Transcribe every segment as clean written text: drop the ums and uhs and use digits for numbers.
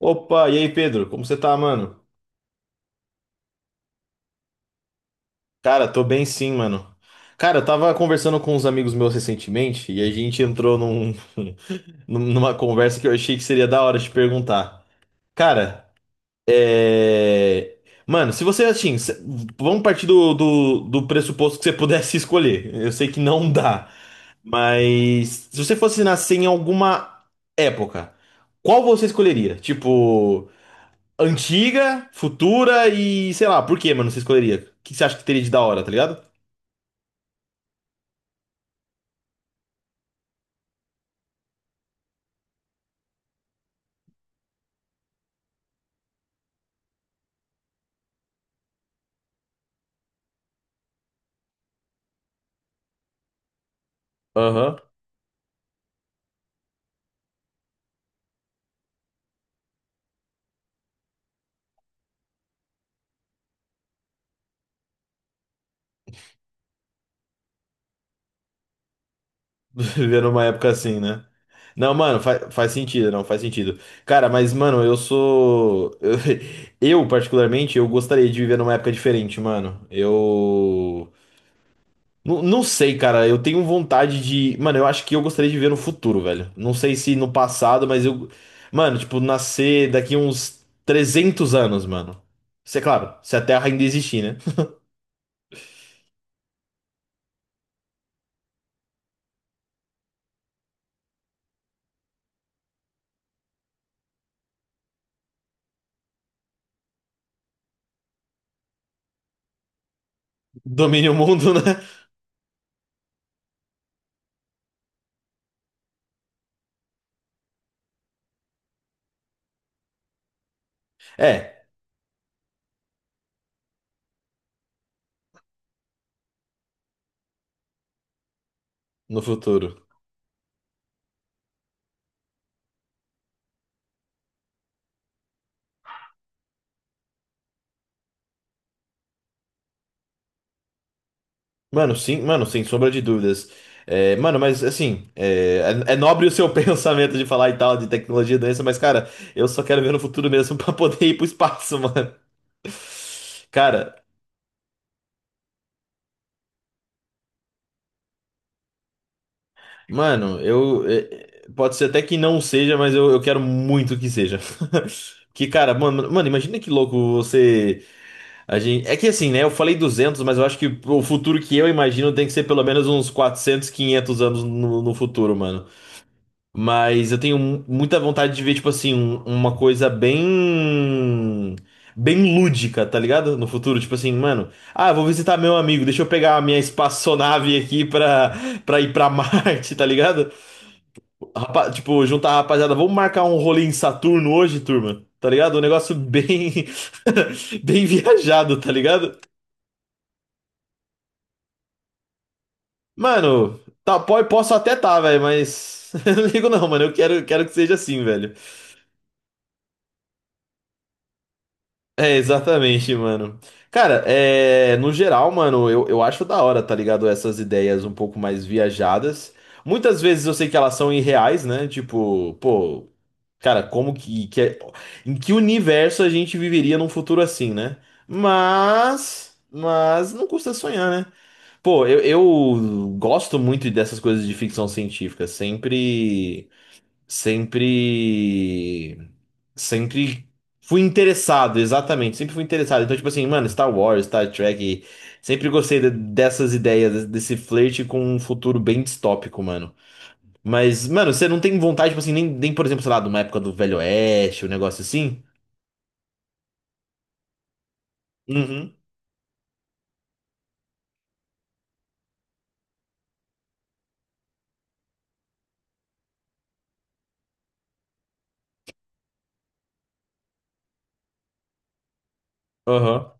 Opa, e aí, Pedro? Como você tá, mano? Cara, tô bem sim, mano. Cara, eu tava conversando com uns amigos meus recentemente e a gente entrou numa conversa que eu achei que seria da hora de perguntar. Cara, é. Mano, se você, assim, vamos partir do pressuposto que você pudesse escolher. Eu sei que não dá, mas se você fosse nascer em alguma época, qual você escolheria? Tipo. Antiga, futura e sei lá, por quê, mano? Você escolheria? O que você acha que teria de da hora, tá ligado? Aham. Viver numa época assim, né? Não, mano, faz sentido, não, faz sentido. Cara, mas, mano, eu sou. Eu, particularmente, eu gostaria de viver numa época diferente, mano. Eu. Não, não sei, cara, eu tenho vontade de. Mano, eu acho que eu gostaria de viver no futuro, velho. Não sei se no passado, mas eu. Mano, tipo, nascer daqui uns 300 anos, mano. Isso é claro, se a Terra ainda existir, né? Domine o mundo, né? É, no futuro. Mano, sim, mano, sem sombra de dúvidas. É, mano, mas assim, é nobre o seu pensamento de falar e tal, de tecnologia e doença, mas, cara, eu só quero ver no futuro mesmo pra poder ir pro espaço, mano. Cara, mano, eu. Pode ser até que não seja, mas eu quero muito que seja. Que, cara, mano, mano, imagina que louco você. A gente... É que assim, né? Eu falei 200, mas eu acho que o futuro que eu imagino tem que ser pelo menos uns 400, 500 anos no futuro, mano. Mas eu tenho muita vontade de ver, tipo assim, uma coisa bem. Bem lúdica, tá ligado? No futuro, tipo assim, mano. Ah, eu vou visitar meu amigo, deixa eu pegar a minha espaçonave aqui pra, ir pra Marte, tá ligado? Tipo, juntar a rapaziada, vamos marcar um rolê em Saturno hoje, turma, tá ligado? Um negócio bem. bem viajado, tá ligado? Mano, tá, pode, posso até tá, velho, mas eu não ligo não, mano. Eu quero que seja assim, velho. É, exatamente, mano. Cara, é, no geral, mano, eu acho da hora, tá ligado? Essas ideias um pouco mais viajadas. Muitas vezes eu sei que elas são irreais, né? Tipo, pô, cara, como que, em que universo a gente viveria num futuro assim, né? Mas não custa sonhar, né? Pô, eu gosto muito dessas coisas de ficção científica. Sempre sempre fui interessado, exatamente, sempre fui interessado. Então, tipo assim, mano, Star Wars, Star Trek, sempre gostei dessas ideias, desse flerte com um futuro bem distópico, mano. Mas, mano, você não tem vontade, tipo assim, nem, por exemplo, sei lá, de uma época do Velho Oeste, um negócio assim? Uhum. Aham.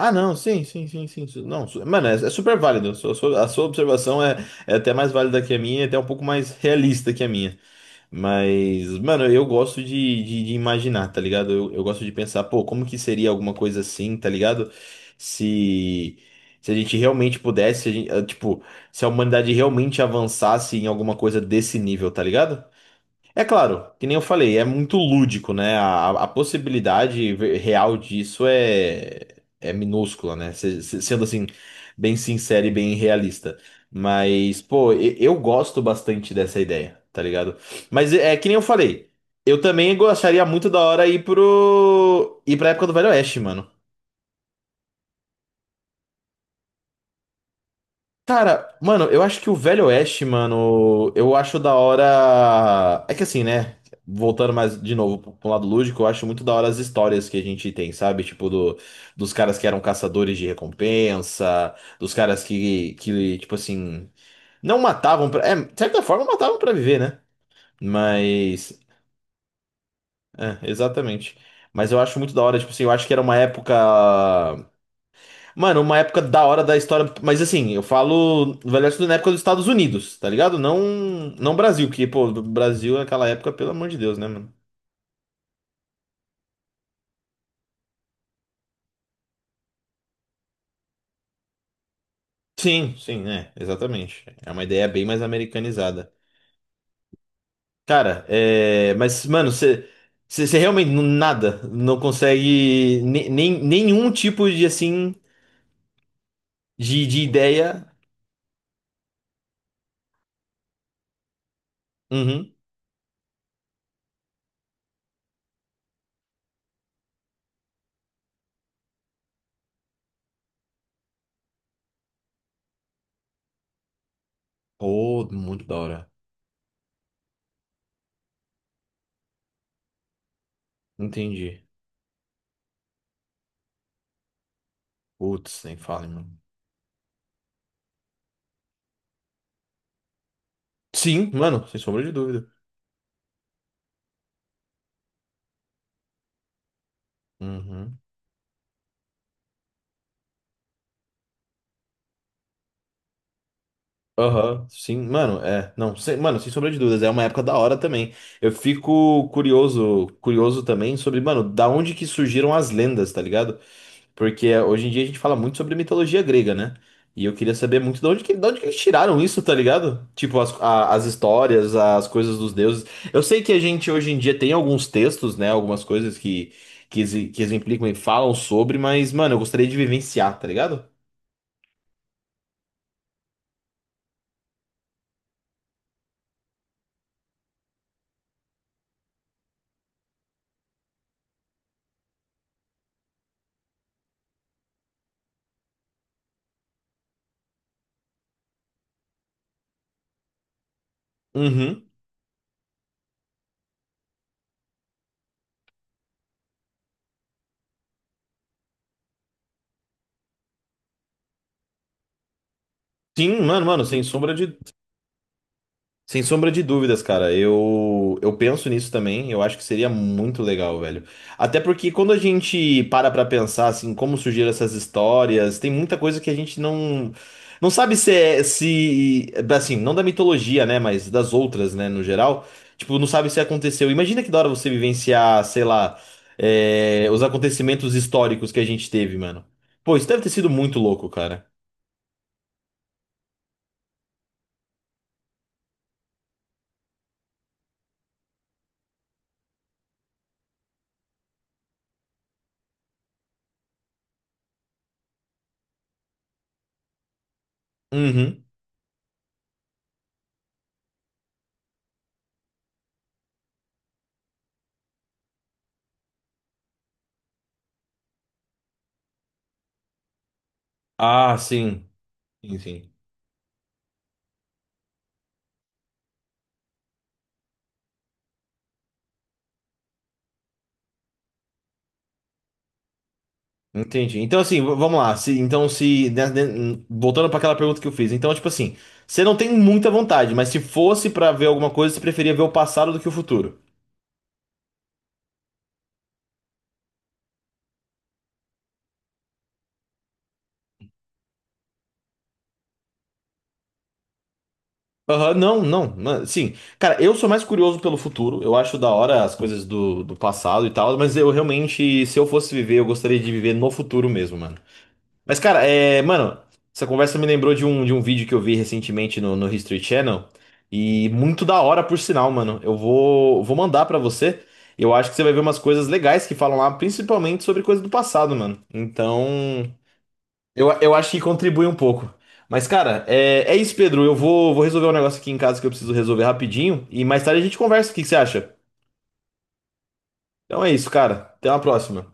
Ah, não, sim, sim, sim, sim. Não, mano, é super válido. A sua observação é até mais válida que a minha, é até um pouco mais realista que a minha. Mas, mano, eu gosto de imaginar, tá ligado? Eu gosto de pensar, pô, como que seria alguma coisa assim, tá ligado? Se, se a gente realmente pudesse, se a gente- tipo, se a humanidade realmente avançasse em alguma coisa desse nível, tá ligado? É claro, que nem eu falei, é muito lúdico, né? A possibilidade real disso é, minúscula, né? Sendo assim, bem sincero e bem realista. Mas, pô, eu gosto bastante dessa ideia, tá ligado? Mas é que nem eu falei, eu também gostaria muito da hora ir pro. Ir pra época do Velho Oeste, mano. Cara, mano, eu acho que o Velho Oeste, mano, eu acho da hora. É que assim, né? Voltando mais de novo pro lado lúdico, eu acho muito da hora as histórias que a gente tem, sabe? Tipo, dos caras que eram caçadores de recompensa, dos caras que tipo assim, não matavam pra. É, de certa forma matavam pra viver, né? Mas. É, exatamente. Mas eu acho muito da hora, tipo assim, eu acho que era uma época. Mano, uma época da hora da história, mas assim, eu falo Velho Oeste na época dos Estados Unidos, tá ligado? Não, não Brasil, que, pô, do Brasil naquela época, pelo amor de Deus, né, mano? Sim, sim, é, exatamente. É uma ideia bem mais americanizada. Cara, é, mas, mano, você realmente nada, não consegue nem, nenhum tipo de, assim, de ideia. Uhum. Oh, muito da hora. Entendi. Putz, nem fale, mano. Sim, mano, sem sombra de dúvida. Uhum. Aham, sim, mano, é, não, sem, mano, sem sombra de dúvidas, é uma época da hora também. Eu fico curioso, curioso também sobre, mano, da onde que surgiram as lendas, tá ligado? Porque é, hoje em dia a gente fala muito sobre mitologia grega, né? E eu queria saber muito de onde que eles tiraram isso, tá ligado? Tipo, as histórias, as coisas dos deuses. Eu sei que a gente hoje em dia tem alguns textos, né? Algumas coisas que exemplificam e falam sobre, mas, mano, eu gostaria de vivenciar, tá ligado? Uhum. Sim, mano, mano, sem sombra de dúvidas, cara. Eu penso nisso também. Eu acho que seria muito legal, velho. Até porque quando a gente para pra pensar, assim, como surgiram essas histórias, tem muita coisa que a gente não. Não sabe se é. Se, assim, não da mitologia, né? Mas das outras, né? No geral. Tipo, não sabe se aconteceu. Imagina que da hora você vivenciar, sei lá, os acontecimentos históricos que a gente teve, mano. Pô, isso deve ter sido muito louco, cara. Uhum. Ah, sim. Sim, sim. Entendi. Então, assim, vamos lá. Se, então, se. Né, né, voltando para aquela pergunta que eu fiz. Então, tipo assim, você não tem muita vontade, mas se fosse para ver alguma coisa, você preferia ver o passado do que o futuro. Aham, não, não, não. Sim. Cara, eu sou mais curioso pelo futuro. Eu acho da hora as coisas do passado e tal, mas eu realmente, se eu fosse viver, eu gostaria de viver no futuro mesmo, mano. Mas, cara, mano, essa conversa me lembrou de um vídeo que eu vi recentemente no History Channel. E muito da hora, por sinal, mano. Eu vou mandar pra você. Eu acho que você vai ver umas coisas legais que falam lá, principalmente sobre coisas do passado, mano. Então, eu acho que contribui um pouco. Mas, cara, é isso, Pedro. Eu vou resolver um negócio aqui em casa que eu preciso resolver rapidinho. E mais tarde a gente conversa. O que que você acha? Então é isso, cara. Até uma próxima.